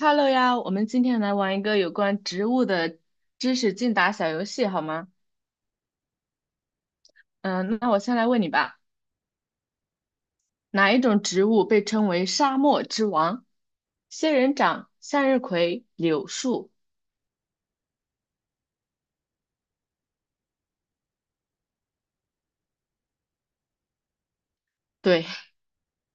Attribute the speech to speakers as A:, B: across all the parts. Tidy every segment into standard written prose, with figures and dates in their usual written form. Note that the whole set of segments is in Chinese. A: Hello 呀，我们今天来玩一个有关植物的知识竞答小游戏，好吗？嗯，那我先来问你吧，哪一种植物被称为沙漠之王？仙人掌、向日葵、柳树。对，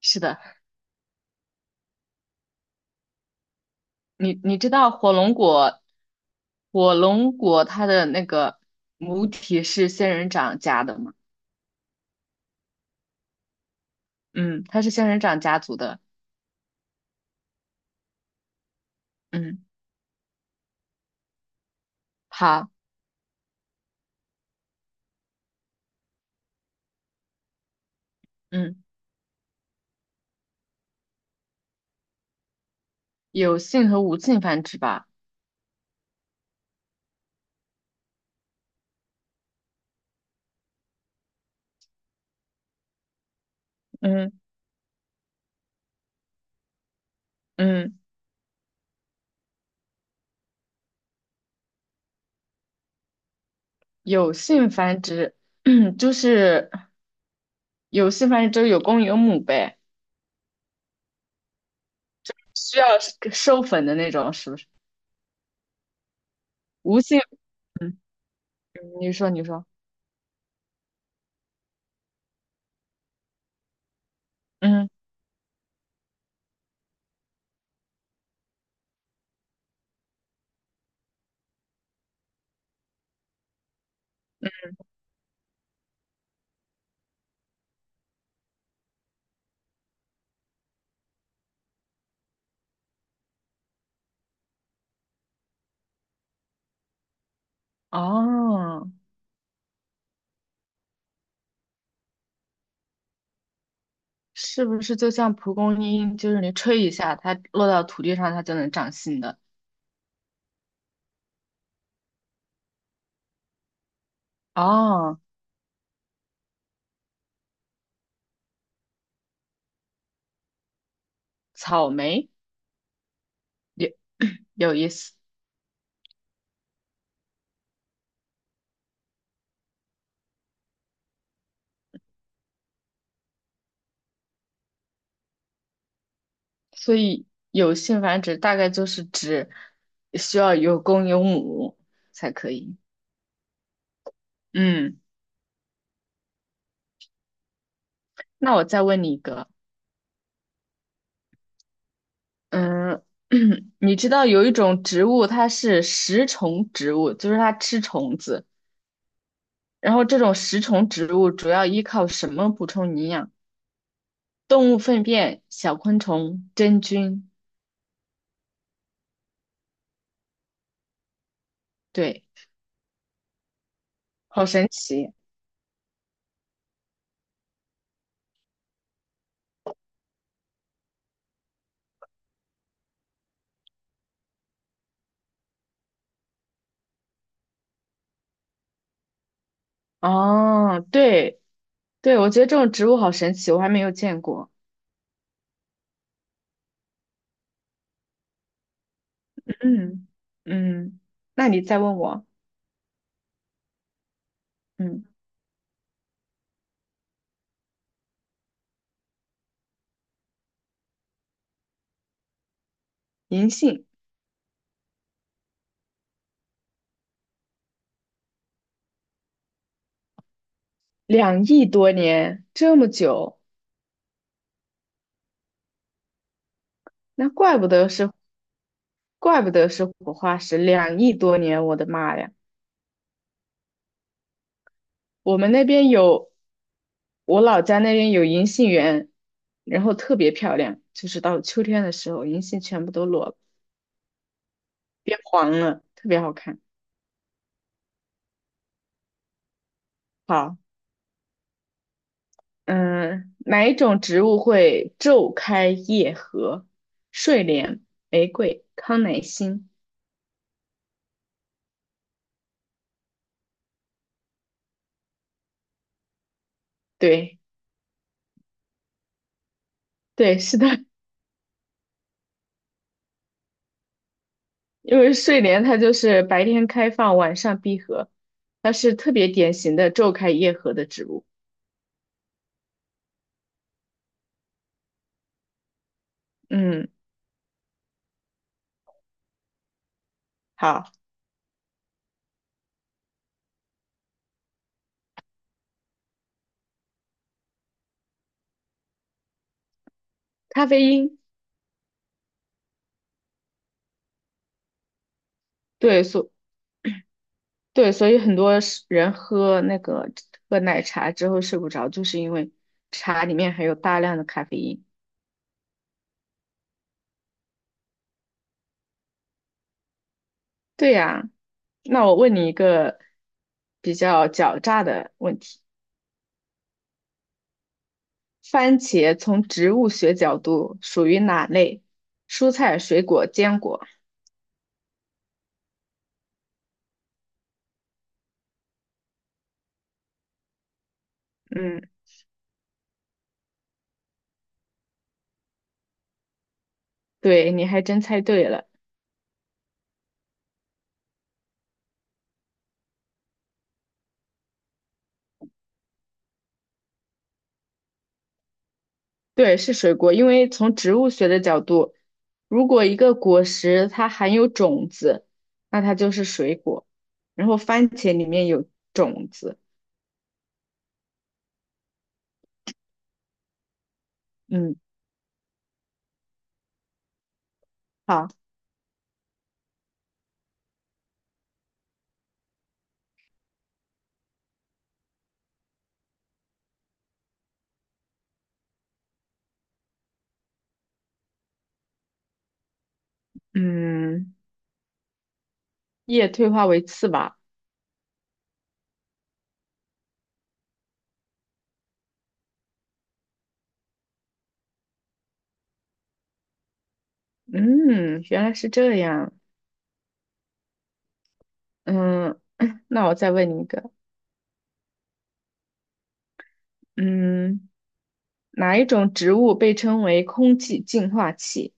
A: 是的。你知道火龙果，火龙果它的那个母体是仙人掌家的吗？嗯，它是仙人掌家族的。嗯，好，嗯，有性和无性繁殖吧？嗯嗯。有性繁殖，就是有性繁殖就是有公有母呗，需要授粉的那种，是不是？无性，嗯，你说，嗯，哦，是不是就像蒲公英，就是你吹一下，它落到土地上，它就能长新的？哦，草莓有 有意思，有性繁殖大概就是指需要有公有母才可以。嗯，那我再问你一个。嗯，你知道有一种植物，它是食虫植物，就是它吃虫子。然后这种食虫植物主要依靠什么补充营养？动物粪便、小昆虫、真菌。对，好神奇。哦，对对，我觉得这种植物好神奇，我还没有见过。嗯嗯，那你再问我，嗯，银杏两亿多年这么久，那怪不得是活化石，两亿多年，我的妈呀！我们那边有，我老家那边有银杏园，然后特别漂亮，就是到秋天的时候，银杏全部都落了，变黄了，特别好看。好，嗯，哪一种植物会昼开夜合？睡莲、玫瑰、康乃馨。对，对，是的，因为睡莲它就是白天开放，晚上闭合，它是特别典型的昼开夜合的植物。嗯，好，咖啡因，对，所对，所以很多是人喝那个喝奶茶之后睡不着，就是因为茶里面含有大量的咖啡因。对呀，那我问你一个比较狡诈的问题：番茄从植物学角度属于哪类？蔬菜、水果、坚果。嗯，对，你还真猜对了。对，是水果，因为从植物学的角度，如果一个果实它含有种子，那它就是水果。然后番茄里面有种子，嗯，好，嗯，叶退化为刺吧，嗯，原来是这样，嗯，那我再问你一个，嗯，哪一种植物被称为空气净化器？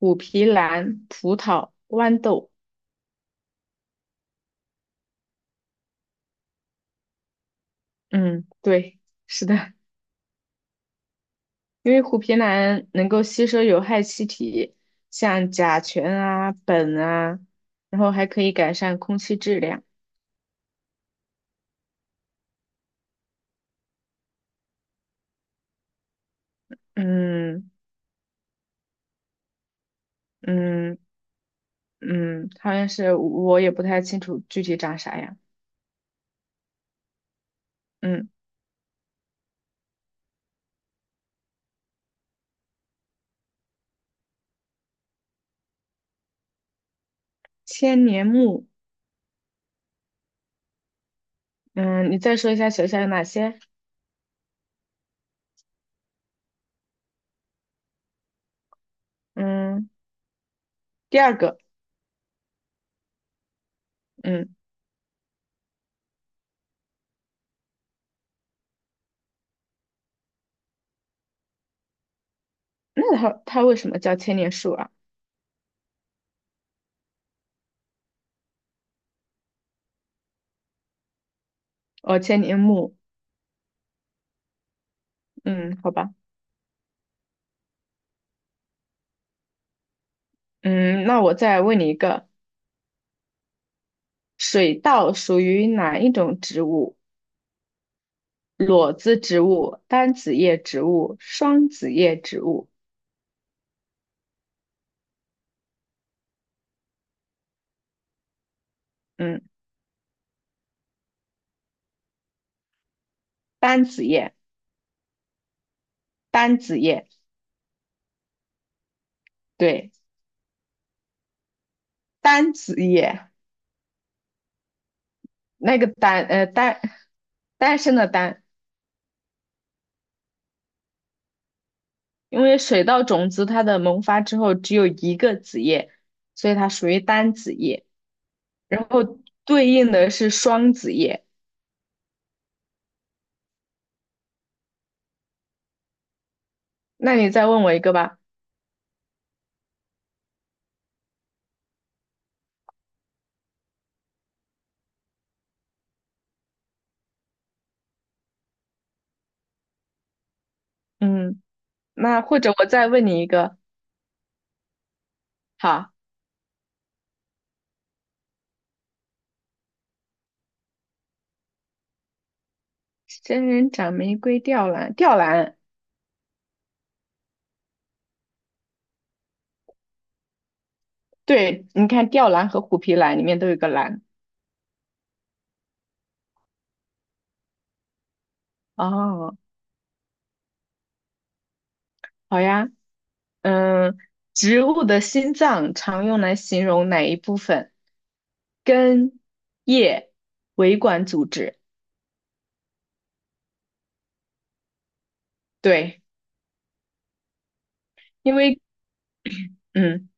A: 虎皮兰、葡萄、豌豆，嗯，对，是的，因为虎皮兰能够吸收有害气体，像甲醛啊、苯啊，然后还可以改善空气质量。嗯嗯嗯，好像是我也不太清楚具体长啥样。嗯，千年木，嗯，你再说一下学校有哪些？嗯，第二个，嗯，那它为什么叫千年树啊？哦，千年木，嗯，好吧，嗯，那我再问你一个，水稻属于哪一种植物？裸子植物、单子叶植物、双子叶植物，嗯，单子叶，单子叶，对，单子叶，那个单，单，单身的单，因为水稻种子它的萌发之后只有一个子叶，所以它属于单子叶，然后对应的是双子叶。那你再问我一个吧，嗯，那或者我再问你一个，好，仙人掌、玫瑰、吊兰，吊兰。对，你看吊兰和虎皮兰里面都有个兰。哦，好呀。嗯，植物的心脏常用来形容哪一部分？根、叶、维管组织。对，因为嗯，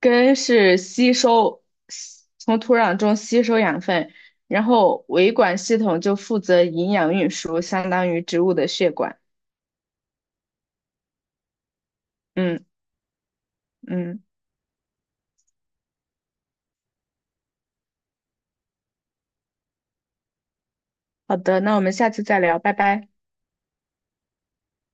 A: 根是吸收吸从土壤中吸收养分，然后维管系统就负责营养运输，相当于植物的血管。嗯嗯，好的，那我们下次再聊，拜拜。